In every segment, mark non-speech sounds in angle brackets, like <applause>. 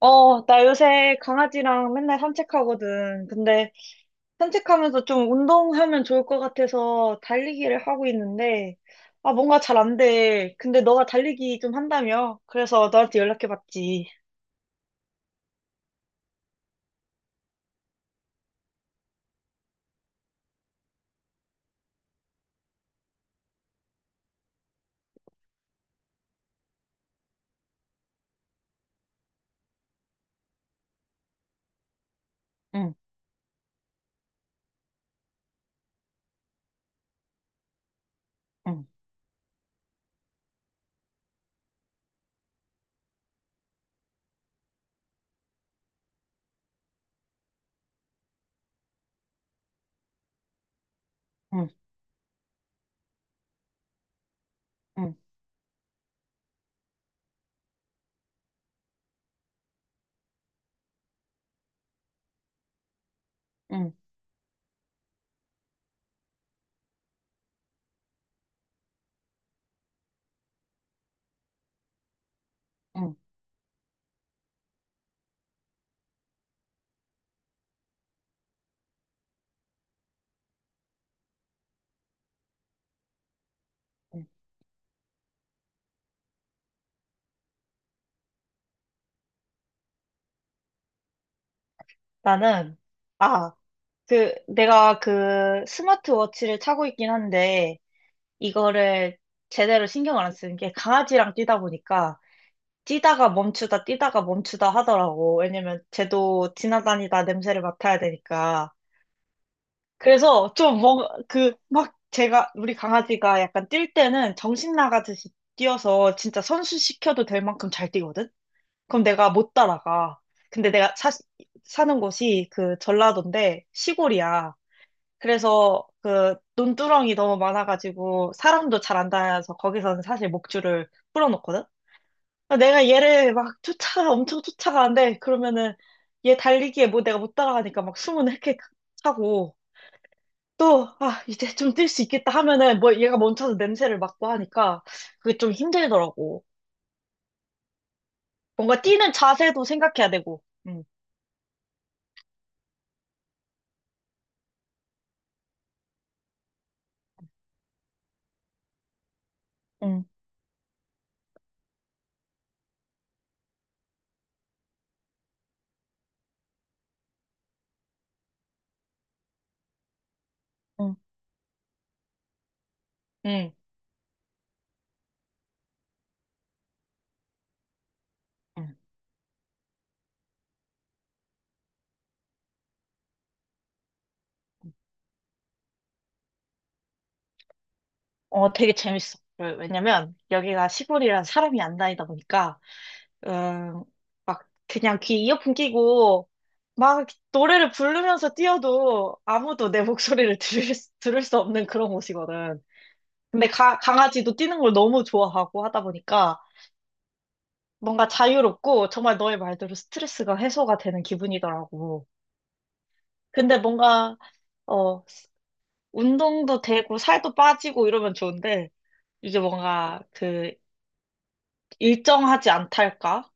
어, 나 요새 강아지랑 맨날 산책하거든. 근데 산책하면서 좀 운동하면 좋을 것 같아서 달리기를 하고 있는데, 아, 뭔가 잘 안 돼. 근데 너가 달리기 좀 한다며? 그래서 너한테 연락해봤지. 응, 응, 응, 응, 응, 응. 응. 나는, 아, 그, 내가 그 스마트워치를 차고 있긴 한데, 이거를 제대로 신경을 안 쓰는 게 강아지랑 뛰다 보니까, 뛰다가 멈추다, 뛰다가 멈추다 하더라고. 왜냐면 쟤도 지나다니다 냄새를 맡아야 되니까. 그래서 좀 뭔, 그, 막 제가, 우리 강아지가 약간 뛸 때는 정신 나가듯이 뛰어서 진짜 선수 시켜도 될 만큼 잘 뛰거든? 그럼 내가 못 따라가. 근데 사는 곳이 그 전라도인데 시골이야. 그래서 그 논두렁이 너무 많아가지고 사람도 잘 안 다녀서 거기서는 사실 목줄을 풀어놓거든? 아, 내가 얘를 막 쫓아, 엄청 쫓아가는데, 그러면은 얘 달리기에 뭐 내가 못 따라가니까 막 숨은 헥헥 하고 또, 아, 이제 좀 뛸 수 있겠다 하면은 뭐 얘가 멈춰서 냄새를 맡고 하니까 그게 좀 힘들더라고. 뭔가 뛰는 자세도 생각해야 되고, 응, 응, 응, 응, 응. 어, 되게 재밌어. 왜냐면 여기가 시골이라 사람이 안 다니다 보니까 음, 막 그냥 귀 이어폰 끼고 막 노래를 부르면서 뛰어도 아무도 내 목소리를 들을 수 없는 그런 곳이거든. 근데 강아지도 뛰는 걸 너무 좋아하고 하다 보니까 뭔가 자유롭고 정말 너의 말대로 스트레스가 해소가 되는 기분이더라고. 근데 뭔가 어, 운동도 되고 살도 빠지고 이러면 좋은데 이게 뭔가 그 일정하지 않달까?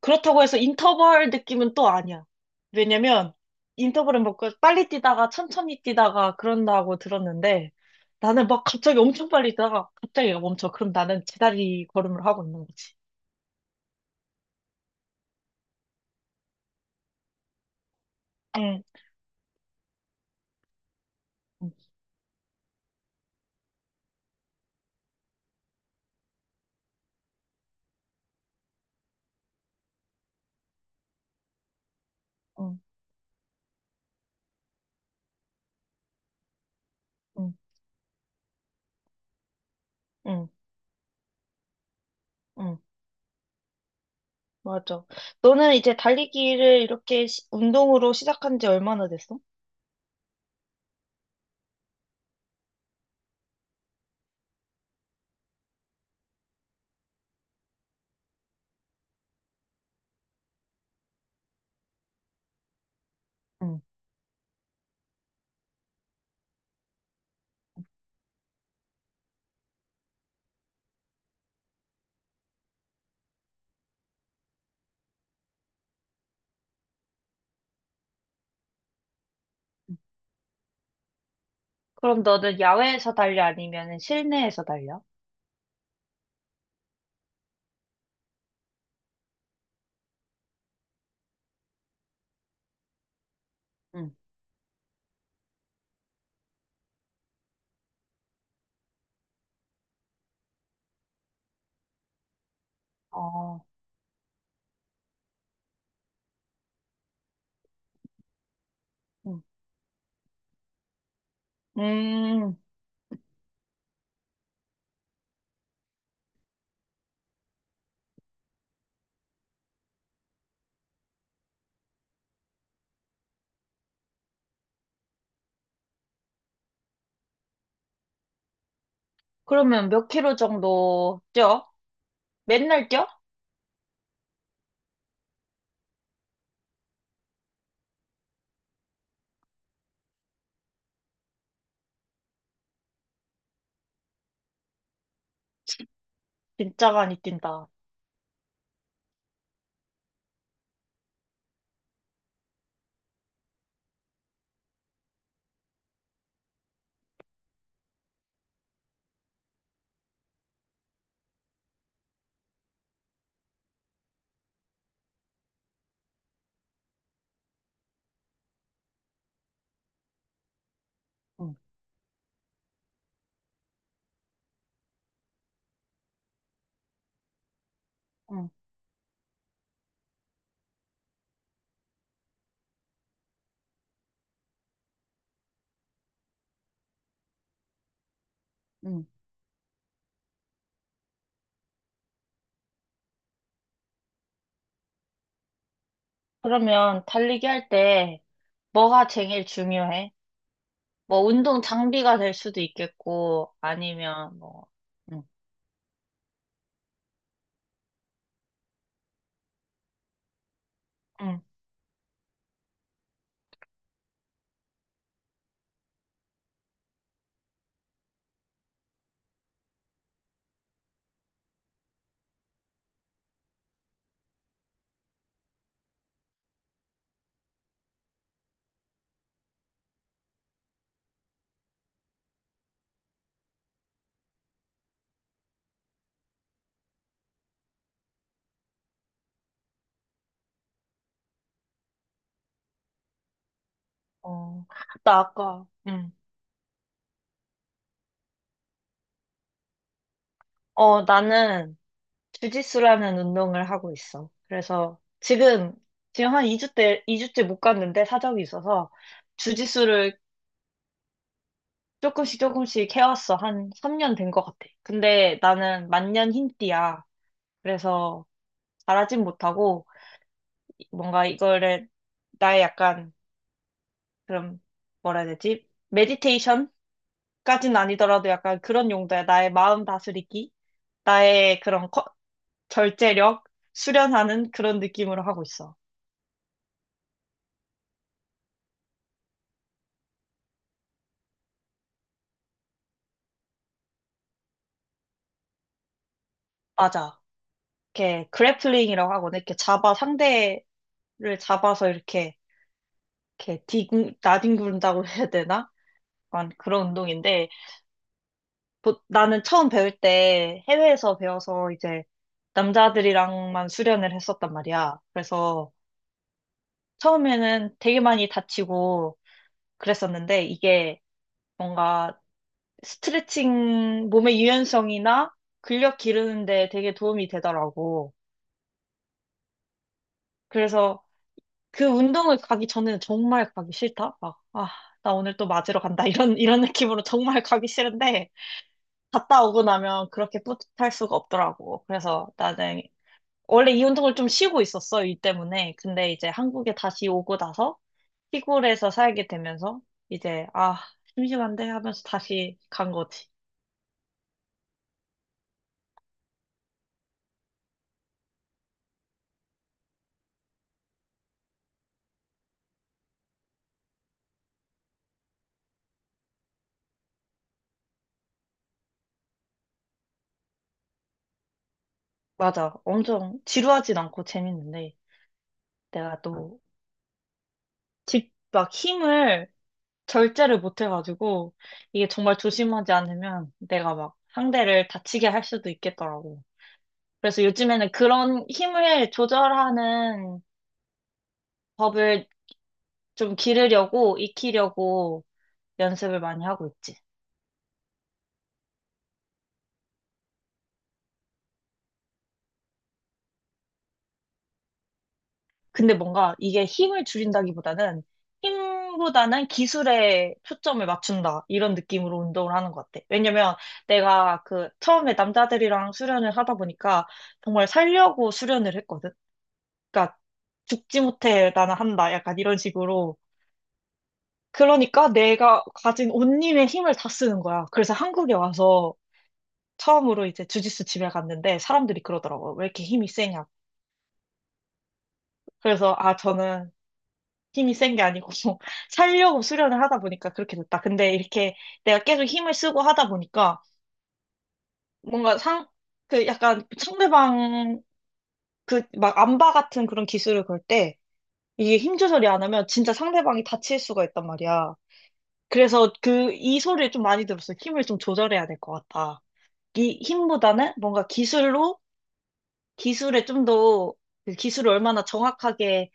그렇다고 해서 인터벌 느낌은 또 아니야. 왜냐면 인터벌은 막 빨리 뛰다가 천천히 뛰다가 그런다고 들었는데 나는 막 갑자기 엄청 빨리 뛰다가 갑자기 얘가 멈춰. 그럼 나는 제다리 걸음을 하고 있는 거지. 응, 응, 응, 응, 응, 응. 맞아. 너는 이제 달리기를 이렇게 운동으로 시작한 지 얼마나 됐어? 응, 응, 그럼 너는 야외에서 달려 아니면 실내에서 달려? 응, 어, 응. 음, 그러면 몇 킬로 정도 뛰어? 맨날 뛰어? 진짜 많이 뛴다. 응, 응, 응. 그러면 달리기 할 때 뭐가 제일 중요해? 뭐 운동 장비가 될 수도 있겠고 아니면 뭐 응. 응. 어, 나 아까 응. 어, 나는 주짓수라는 운동을 하고 있어. 그래서 지금 한 2주 때 이 주째 못 갔는데 사정이 있어서 주짓수를 조금씩 조금씩 해왔어. 한 3년 된 것 같아. 근데 나는 만년 흰띠야. 그래서 잘하진 못하고 뭔가 이거를 나의 약간 그런 뭐라 해야 되지? 메디테이션까지는 아니더라도 약간 그런 용도야. 나의 마음 다스리기, 나의 그런 절제력 수련하는 그런 느낌으로 하고 있어. 맞아. 이렇게 그래플링이라고 하거든. 이렇게 잡아 상대를 잡아서 이렇게 이렇게 나뒹군다고 해야 되나? 약간 그런 운동인데 나는 처음 배울 때 해외에서 배워서 이제 남자들이랑만 수련을 했었단 말이야. 그래서 처음에는 되게 많이 다치고 그랬었는데 이게 뭔가 스트레칭, 몸의 유연성이나 근력 기르는데 되게 도움이 되더라고. 그래서 그 운동을 가기 전에는 정말 가기 싫다. 막, 아, 나 오늘 또 맞으러 간다. 이런 느낌으로 정말 가기 싫은데 갔다 오고 나면 그렇게 뿌듯할 수가 없더라고. 그래서 나는 원래 이 운동을 좀 쉬고 있었어, 일 때문에. 근데 이제 한국에 다시 오고 나서 시골에서 살게 되면서 이제 아, 심심한데 하면서 다시 간 거지. 맞아. 엄청 지루하진 않고 재밌는데 내가 또 집 막 힘을 절제를 못 해가지고 이게 정말 조심하지 않으면 내가 막 상대를 다치게 할 수도 있겠더라고. 그래서 요즘에는 그런 힘을 조절하는 법을 좀 기르려고 익히려고 연습을 많이 하고 있지. 근데 뭔가 이게 힘을 줄인다기보다는 힘보다는 기술에 초점을 맞춘다. 이런 느낌으로 운동을 하는 것 같아. 왜냐면 내가 그 처음에 남자들이랑 수련을 하다 보니까 정말 살려고 수련을 했거든. 그러니까 죽지 못해 나는 한다. 약간 이런 식으로. 그러니까 내가 가진 온몸의 힘을 다 쓰는 거야. 그래서 한국에 와서 처음으로 이제 주짓수 집에 갔는데 사람들이 그러더라고. 왜 이렇게 힘이 세냐고. 그래서 아, 저는 힘이 센 게 아니고 <laughs> 살려고 수련을 하다 보니까 그렇게 됐다. 근데 이렇게 내가 계속 힘을 쓰고 하다 보니까 뭔가 상, 그 약간 상대방 그 막 암바 같은 그런 기술을 걸 때 이게 힘 조절이 안 하면 진짜 상대방이 다칠 수가 있단 말이야. 그래서 그 이 소리를 좀 많이 들었어. 힘을 좀 조절해야 될 것 같다. 이 힘보다는 뭔가 기술로 기술에 좀더 그 기술을 얼마나 정확하게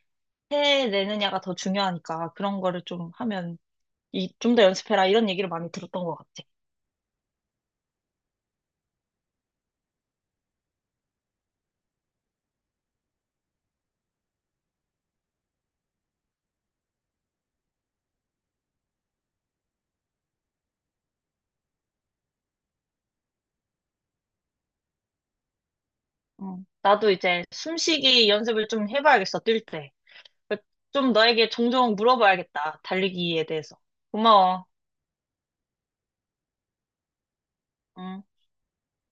해내느냐가 더 중요하니까 그런 거를 좀 하면 이, 좀 더 연습해라. 이런 얘기를 많이 들었던 것 같아. 어, 나도 이제 숨쉬기 연습을 좀 해봐야겠어, 뛸 때. 좀 너에게 종종 물어봐야겠다, 달리기에 대해서. 고마워. 음.